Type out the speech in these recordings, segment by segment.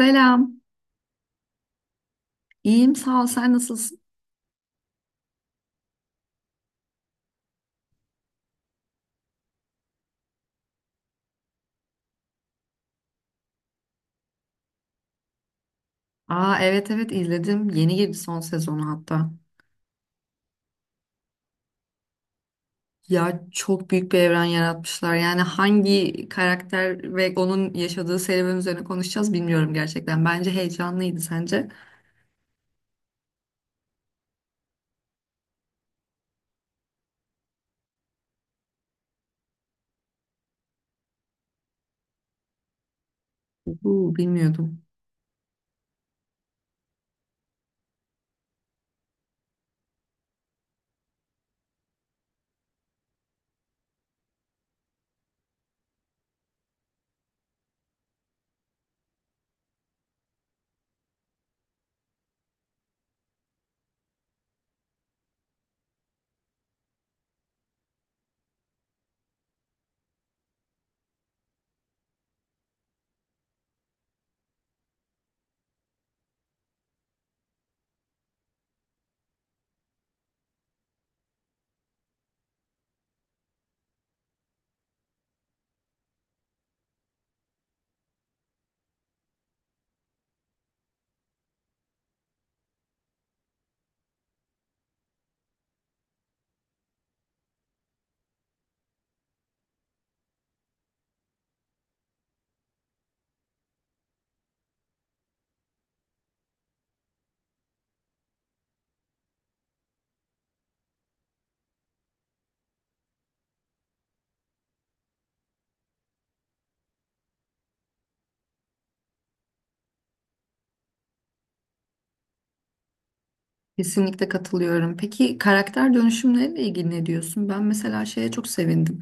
Selam. İyiyim sağ ol. Sen nasılsın? Aa evet evet izledim. Yeni girdi son sezonu hatta. Ya çok büyük bir evren yaratmışlar. Yani hangi karakter ve onun yaşadığı serüven üzerine konuşacağız bilmiyorum gerçekten. Bence heyecanlıydı sence? Bu bilmiyordum. Kesinlikle katılıyorum. Peki karakter dönüşümleriyle ilgili ne diyorsun? Ben mesela şeye çok sevindim.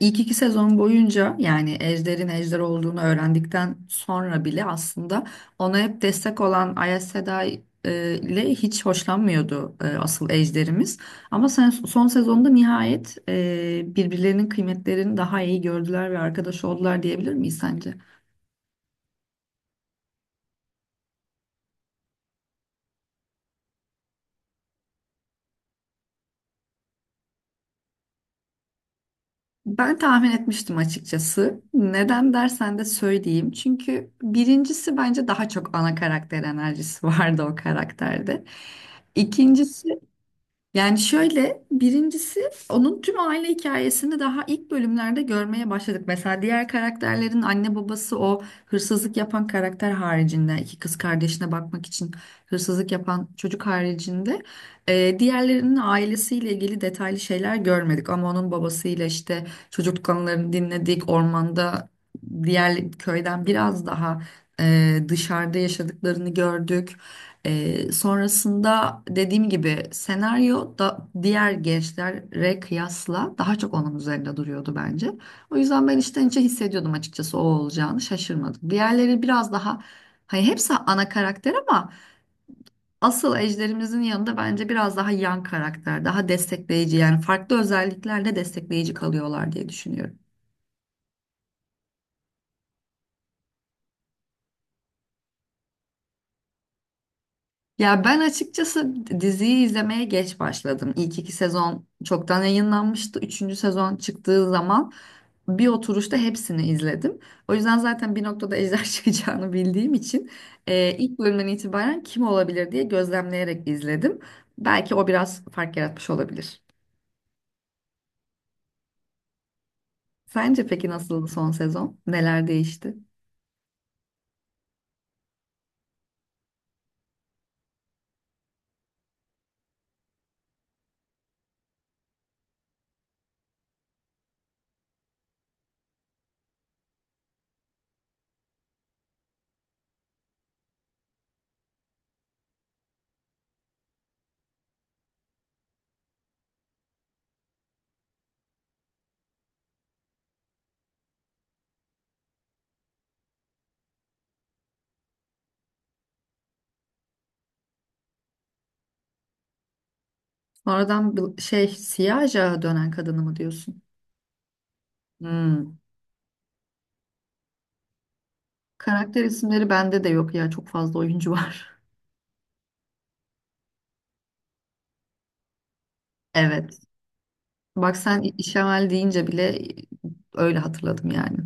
İlk iki sezon boyunca yani Ejder'in Ejder olduğunu öğrendikten sonra bile aslında ona hep destek olan Aes Sedai ile hiç hoşlanmıyordu asıl Ejder'imiz. Ama sen, son sezonda nihayet birbirlerinin kıymetlerini daha iyi gördüler ve arkadaş oldular diyebilir miyiz sence? Ben tahmin etmiştim açıkçası. Neden dersen de söyleyeyim. Çünkü birincisi bence daha çok ana karakter enerjisi vardı o karakterde. İkincisi yani şöyle birincisi onun tüm aile hikayesini daha ilk bölümlerde görmeye başladık. Mesela diğer karakterlerin anne babası o hırsızlık yapan karakter haricinde iki kız kardeşine bakmak için hırsızlık yapan çocuk haricinde diğerlerinin ailesiyle ilgili detaylı şeyler görmedik. Ama onun babasıyla işte çocuk konularını dinledik. Ormanda diğer köyden biraz daha dışarıda yaşadıklarını gördük. Sonrasında dediğim gibi senaryo da diğer gençlere kıyasla daha çok onun üzerinde duruyordu bence. O yüzden ben içten içe hissediyordum açıkçası o olacağını şaşırmadım. Diğerleri biraz daha hani hepsi ana karakter ama asıl ejderimizin yanında bence biraz daha yan karakter, daha destekleyici yani farklı özelliklerle destekleyici kalıyorlar diye düşünüyorum. Ya ben açıkçası diziyi izlemeye geç başladım. İlk iki sezon çoktan yayınlanmıştı. Üçüncü sezon çıktığı zaman bir oturuşta hepsini izledim. O yüzden zaten bir noktada ejder çıkacağını bildiğim için ilk bölümden itibaren kim olabilir diye gözlemleyerek izledim. Belki o biraz fark yaratmış olabilir. Sence peki nasıldı son sezon? Neler değişti? Sonradan bir şey siyah ajağa dönen kadını mı diyorsun? Hmm. Karakter isimleri bende de yok ya çok fazla oyuncu var. Evet. Bak sen işemel deyince bile öyle hatırladım yani.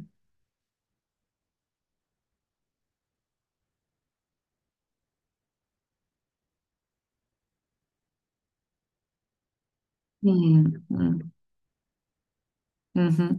Hmm. Hmm. Hı hı.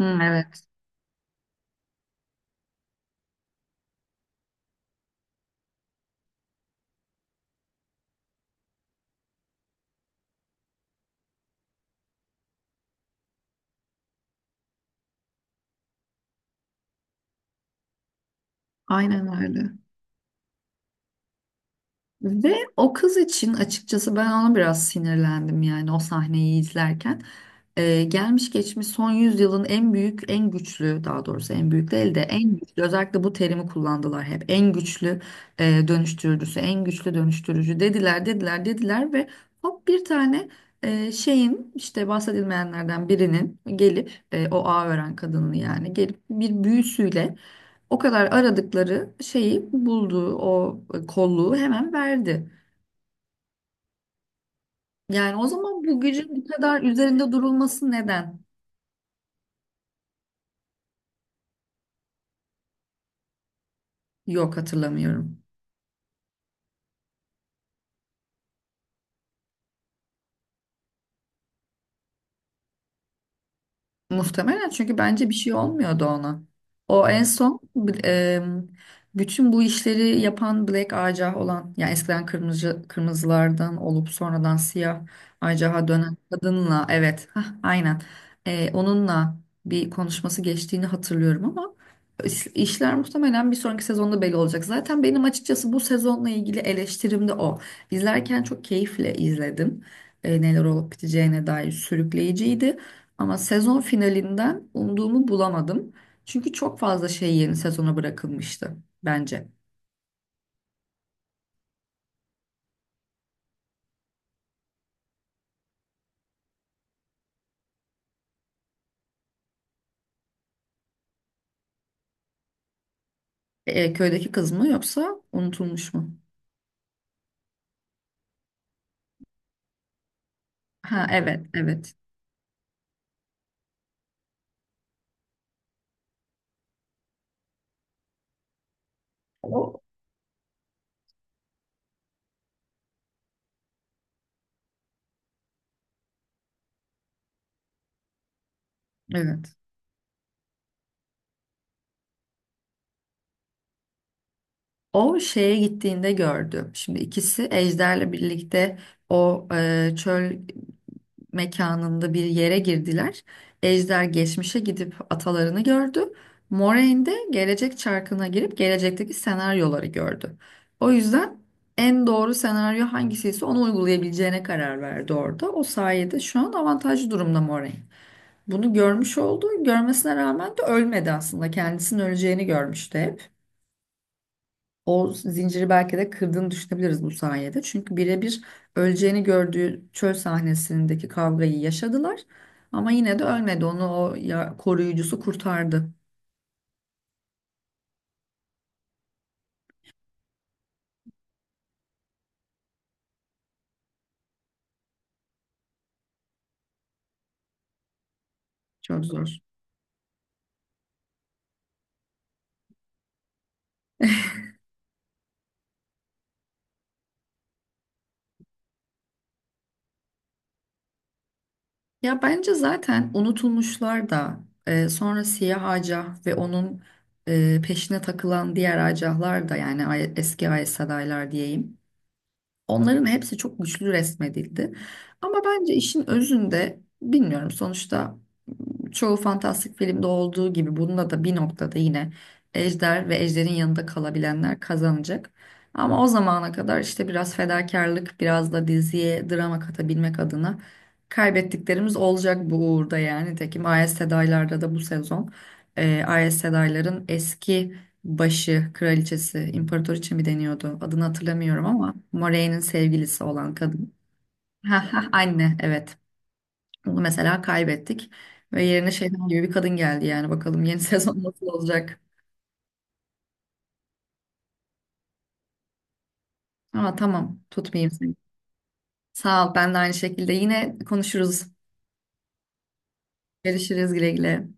Hı, evet. Aynen öyle. Ve o kız için açıkçası ben ona biraz sinirlendim yani o sahneyi izlerken. Gelmiş geçmiş son yüzyılın en büyük, en güçlü daha doğrusu en büyük değil de en güçlü özellikle bu terimi kullandılar hep. En güçlü dönüştürücüsü, en güçlü dönüştürücü dediler ve hop bir tane şeyin işte bahsedilmeyenlerden birinin gelip o ağ ören kadının yani gelip bir büyüsüyle o kadar aradıkları şeyi buldu, o kolluğu hemen verdi. Yani o zaman bu gücün bu kadar üzerinde durulması neden? Yok hatırlamıyorum. Muhtemelen çünkü bence bir şey olmuyordu ona. O en son e, bütün bu işleri yapan Black Ajah olan yani eskiden kırmızılardan olup sonradan siyah Ajah'a dönen kadınla evet hah, aynen. E, onunla bir konuşması geçtiğini hatırlıyorum ama işler muhtemelen bir sonraki sezonda belli olacak. Zaten benim açıkçası bu sezonla ilgili eleştirim de o. İzlerken çok keyifle izledim. E, neler olup biteceğine dair sürükleyiciydi. Ama sezon finalinden umduğumu bulamadım. Çünkü çok fazla şey yeni sezona bırakılmıştı bence. E, köydeki kız mı yoksa unutulmuş mu? Ha evet evet. O evet. O şeye gittiğinde gördü. Şimdi ikisi Ejder'le birlikte o çöl mekanında bir yere girdiler. Ejder geçmişe gidip atalarını gördü. Moraine de gelecek çarkına girip gelecekteki senaryoları gördü. O yüzden en doğru senaryo hangisiyse onu uygulayabileceğine karar verdi orada. O sayede şu an avantajlı durumda Moraine. Bunu görmüş oldu. Görmesine rağmen de ölmedi aslında. Kendisinin öleceğini görmüştü hep. O zinciri belki de kırdığını düşünebiliriz bu sayede. Çünkü birebir öleceğini gördüğü çöl sahnesindeki kavgayı yaşadılar. Ama yine de ölmedi. Onu o koruyucusu kurtardı. Çok zor. Ya bence zaten unutulmuşlar da sonra siyah acah ve onun peşine takılan diğer acahlar da yani eski AES adaylar diyeyim. Onların hepsi çok güçlü resmedildi. Ama bence işin özünde bilmiyorum sonuçta çoğu fantastik filmde olduğu gibi bunda da bir noktada yine ejder ve ejderin yanında kalabilenler kazanacak. Ama o zamana kadar işte biraz fedakarlık, biraz da diziye drama katabilmek adına kaybettiklerimiz olacak bu uğurda yani. Nitekim Ayas Sedaylar'da da bu sezon Ayas Sedaylar'ın eski başı, kraliçesi, imparator için mi deniyordu adını hatırlamıyorum ama Moraine'in sevgilisi olan kadın. Ha ha anne evet. Onu mesela kaybettik. Ve yerine şeytan gibi bir kadın geldi yani. Bakalım yeni sezon nasıl olacak. Ama tamam tutmayayım seni. Sağ ol ben de aynı şekilde. Yine konuşuruz. Görüşürüz güle güle.